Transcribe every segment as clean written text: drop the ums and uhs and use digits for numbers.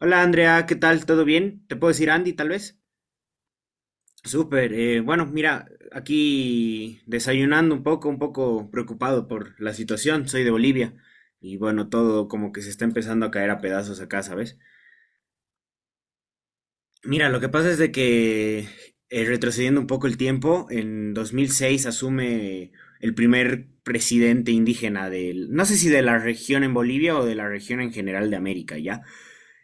Hola Andrea, ¿qué tal? ¿Todo bien? ¿Te puedo decir Andy, tal vez? Súper. Bueno, mira, aquí desayunando un poco preocupado por la situación. Soy de Bolivia y bueno, todo como que se está empezando a caer a pedazos acá, ¿sabes? Mira, lo que pasa es de que retrocediendo un poco el tiempo, en 2006 asume el primer presidente indígena del, no sé si de la región en Bolivia o de la región en general de América, ¿ya?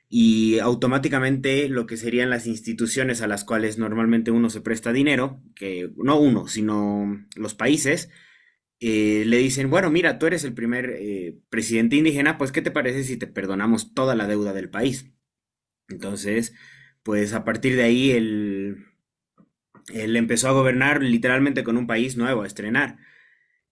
Y automáticamente lo que serían las instituciones a las cuales normalmente uno se presta dinero, que no uno, sino los países, le dicen, bueno, mira, tú eres el primer presidente indígena, pues ¿qué te parece si te perdonamos toda la deuda del país? Entonces, pues a partir de ahí él empezó a gobernar literalmente con un país nuevo, a estrenar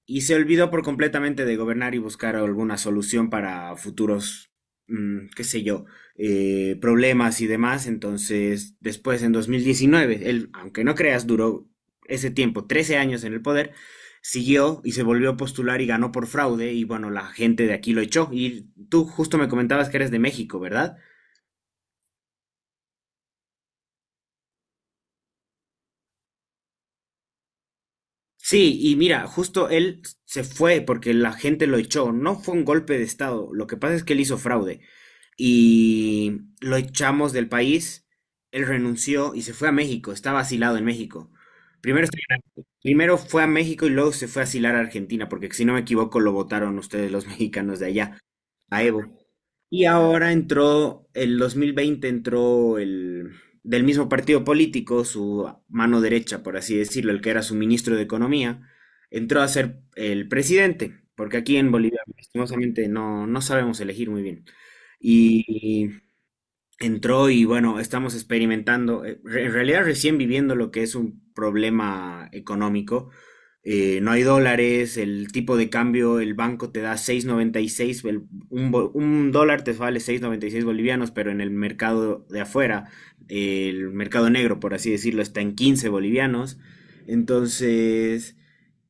y se olvidó por completamente de gobernar y buscar alguna solución para futuros, qué sé yo, problemas y demás. Entonces, después en 2019 él, aunque no creas, duró ese tiempo, 13 años en el poder, siguió y se volvió a postular y ganó por fraude y bueno, la gente de aquí lo echó. Y tú justo me comentabas que eres de México, ¿verdad? Sí, y mira, justo él se fue porque la gente lo echó. No fue un golpe de estado. Lo que pasa es que él hizo fraude. Y lo echamos del país. Él renunció y se fue a México. Estaba asilado en México. Primero, primero fue a México y luego se fue a asilar a Argentina, porque si no me equivoco lo votaron ustedes los mexicanos de allá a Evo. Y ahora entró, el 2020 entró el del mismo partido político, su mano derecha, por así decirlo, el que era su ministro de Economía, entró a ser el presidente, porque aquí en Bolivia, lastimosamente, no sabemos elegir muy bien. Y entró y bueno, estamos experimentando, en realidad recién viviendo lo que es un problema económico. No hay dólares, el tipo de cambio, el banco te da 6,96, un dólar te vale 6,96 bolivianos, pero en el mercado de afuera, el mercado negro, por así decirlo, está en 15 bolivianos. Entonces,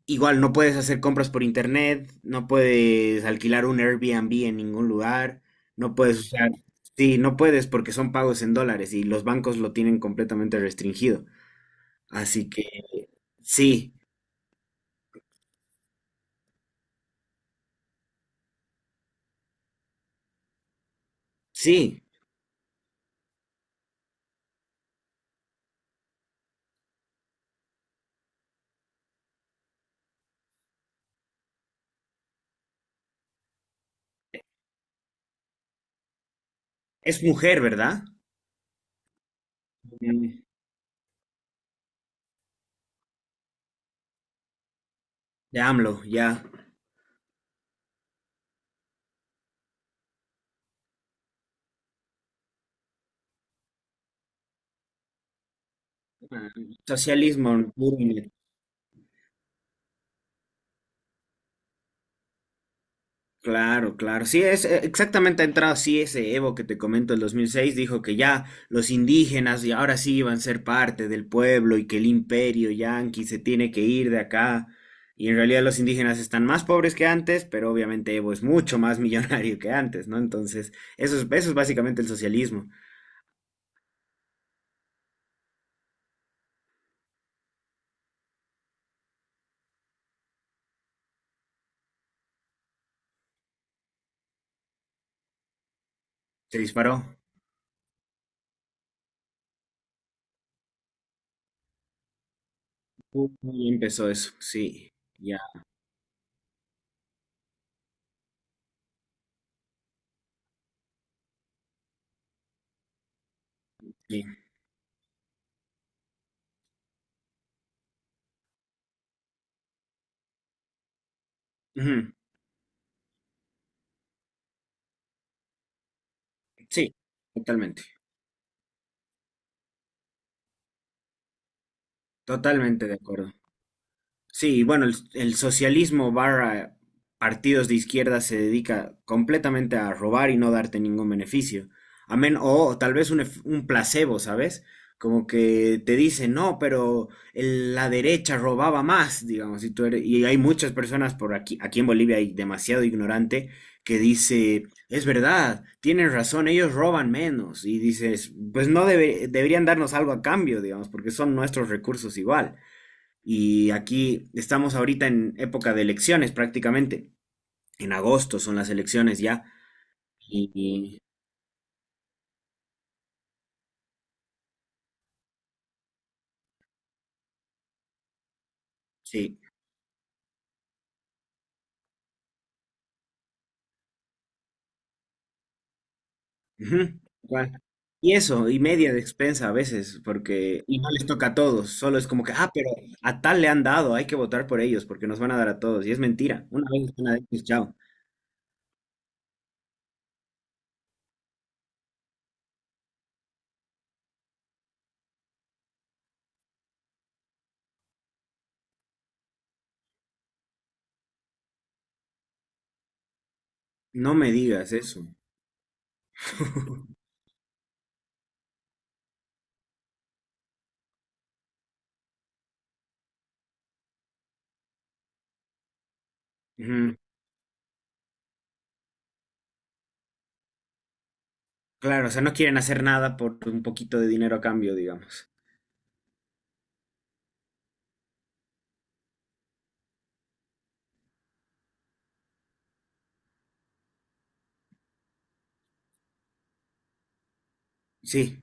igual no puedes hacer compras por internet, no puedes alquilar un Airbnb en ningún lugar, no puedes usar, sí, no puedes porque son pagos en dólares y los bancos lo tienen completamente restringido. Así que sí, sí, es mujer, ¿verdad? Mm. De AMLO, ya. Ah, socialismo puro y claro, claro. Sí, es exactamente ha entrado así ese Evo que te comento el 2006 dijo que ya los indígenas y ahora sí iban a ser parte del pueblo y que el imperio yanqui se tiene que ir de acá. Y en realidad los indígenas están más pobres que antes, pero obviamente Evo es mucho más millonario que antes, ¿no? Entonces, eso es básicamente el socialismo. Se disparó. Y empezó eso, sí. Ya, sí. Ujú, sí, totalmente. Totalmente de acuerdo. Sí, bueno, el socialismo barra partidos de izquierda se dedica completamente a robar y no darte ningún beneficio. Amén, o tal vez un placebo, ¿sabes? Como que te dicen, no, pero la derecha robaba más, digamos, y hay muchas personas por aquí, aquí en Bolivia hay demasiado ignorante que dice, es verdad, tienen razón, ellos roban menos, y dices, pues no debe- deberían darnos algo a cambio, digamos, porque son nuestros recursos igual. Y aquí estamos ahorita en época de elecciones prácticamente. En agosto son las elecciones ya. Y y- sí. Ujú, igual. Y eso, y media de expensa a veces, porque y no les toca a todos, solo es como que, ah, pero a tal le han dado, hay que votar por ellos porque nos van a dar a todos. Y es mentira. Una vez, pues, chao. No me digas eso. Ujú, claro, o sea, no quieren hacer nada por un poquito de dinero a cambio, digamos. Sí.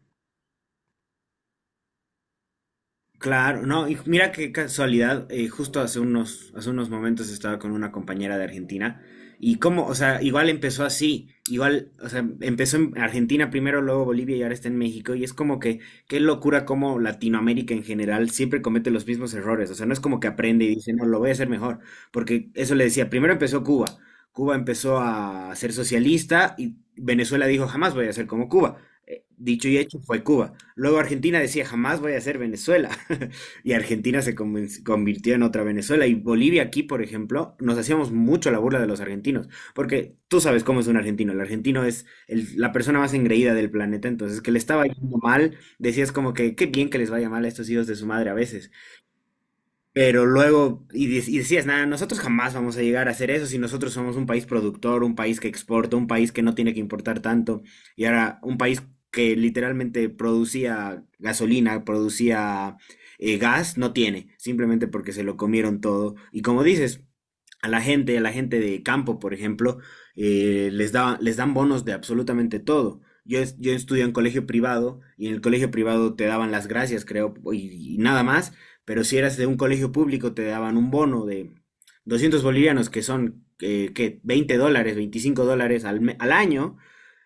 Claro, no, y mira qué casualidad, justo hace unos momentos estaba con una compañera de Argentina y cómo, o sea, igual empezó así, igual, o sea, empezó en Argentina primero, luego Bolivia y ahora está en México y es como que, qué locura cómo Latinoamérica en general siempre comete los mismos errores, o sea, no es como que aprende y dice, no, lo voy a hacer mejor, porque eso le decía, primero empezó Cuba, Cuba empezó a ser socialista y Venezuela dijo, jamás voy a ser como Cuba. Dicho y hecho fue Cuba. Luego Argentina decía, jamás voy a ser Venezuela. Y Argentina convirtió en otra Venezuela. Y Bolivia aquí, por ejemplo, nos hacíamos mucho la burla de los argentinos. Porque tú sabes cómo es un argentino. El argentino es la persona más engreída del planeta. Entonces, que le estaba yendo mal, decías como que, qué bien que les vaya mal a estos hijos de su madre a veces. Pero luego, y decías, nada, nosotros jamás vamos a llegar a hacer eso si nosotros somos un país productor, un país que exporta, un país que no tiene que importar tanto. Y ahora, un país que literalmente producía gasolina, producía gas, no tiene, simplemente porque se lo comieron todo. Y como dices, a la gente de campo, por ejemplo, les dan bonos de absolutamente todo. Yo estudio en colegio privado y en el colegio privado te daban las gracias, creo, y nada más. Pero si eras de un colegio público, te daban un bono de 200 bolivianos, que son, ¿qué? $20, $25 al año,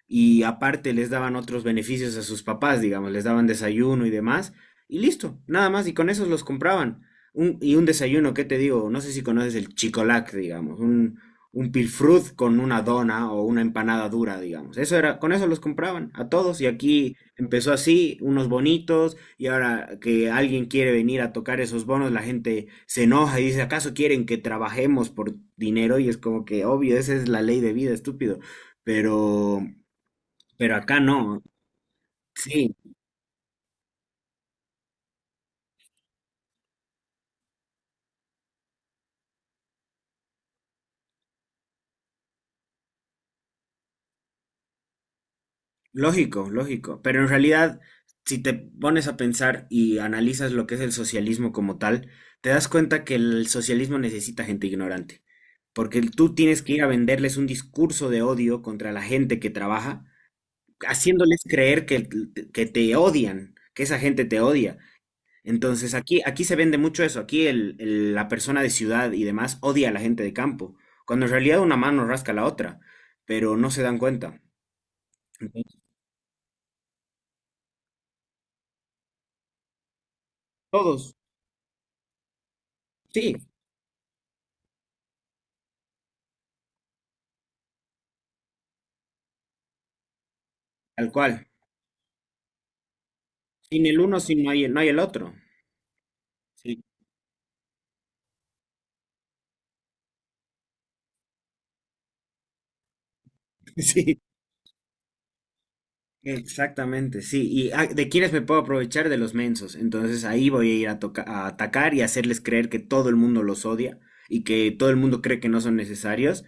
y aparte les daban otros beneficios a sus papás, digamos, les daban desayuno y demás, y listo, nada más, y con esos los compraban. Y un desayuno, ¿qué te digo? No sé si conoces el chicolac, digamos, un pilfrut con una dona o una empanada dura, digamos. Eso era, con eso los compraban a todos, y aquí empezó así, unos bonitos, y ahora que alguien quiere venir a tocar esos bonos, la gente se enoja y dice, ¿acaso quieren que trabajemos por dinero? Y es como que, obvio, esa es la ley de vida, estúpido. Pero acá no, sí, lógico, lógico. Pero en realidad, si te pones a pensar y analizas lo que es el socialismo como tal, te das cuenta que el socialismo necesita gente ignorante. Porque tú tienes que ir a venderles un discurso de odio contra la gente que trabaja, haciéndoles creer que te odian, que esa gente te odia. Entonces aquí se vende mucho eso. Aquí la persona de ciudad y demás odia a la gente de campo, cuando en realidad una mano rasca la otra, pero no se dan cuenta. Todos, sí, tal cual. Sin el uno, sin no hay, no hay el otro. Sí, sí, exactamente, sí. ¿Y ah, de quiénes me puedo aprovechar? De los mensos. Entonces ahí voy a ir a, a atacar y hacerles creer que todo el mundo los odia y que todo el mundo cree que no son necesarios.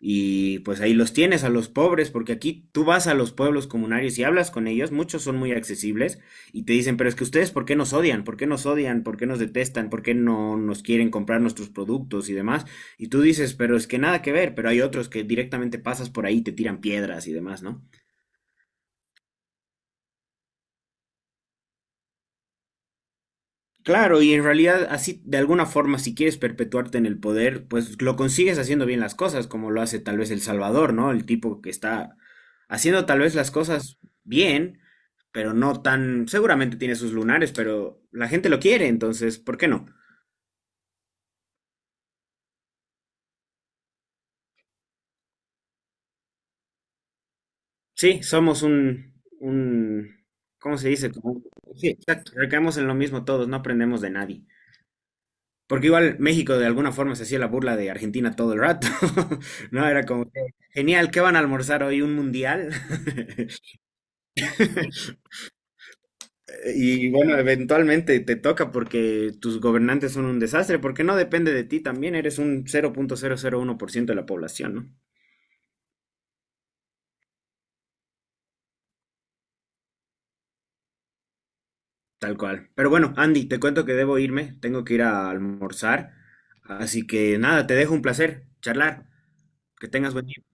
Y pues ahí los tienes a los pobres, porque aquí tú vas a los pueblos comunarios y hablas con ellos, muchos son muy accesibles y te dicen, pero es que ustedes, ¿por qué nos odian? ¿Por qué nos odian? ¿Por qué nos detestan? ¿Por qué no nos quieren comprar nuestros productos y demás? Y tú dices, pero es que nada que ver, pero hay otros que directamente pasas por ahí, y te tiran piedras y demás, ¿no? Claro, y en realidad así, de alguna forma, si quieres perpetuarte en el poder, pues lo consigues haciendo bien las cosas, como lo hace tal vez El Salvador, ¿no? El tipo que está haciendo tal vez las cosas bien, pero no tan, seguramente tiene sus lunares, pero la gente lo quiere, entonces, ¿por qué no? Sí, somos un, ¿cómo se dice? Como, sí, exacto, recaemos en lo mismo todos, no aprendemos de nadie. Porque igual México de alguna forma se hacía la burla de Argentina todo el rato, ¿no? Era como, que, genial, ¿qué van a almorzar hoy? ¿Un mundial? Y bueno, eventualmente te toca porque tus gobernantes son un desastre, porque no depende de ti también, eres un cero punto cero cero punto uno por ciento de la población, ¿no? Tal cual. Pero bueno, Andy, te cuento que debo irme, tengo que ir a almorzar, así que nada, te dejo un placer charlar, que tengas buen día.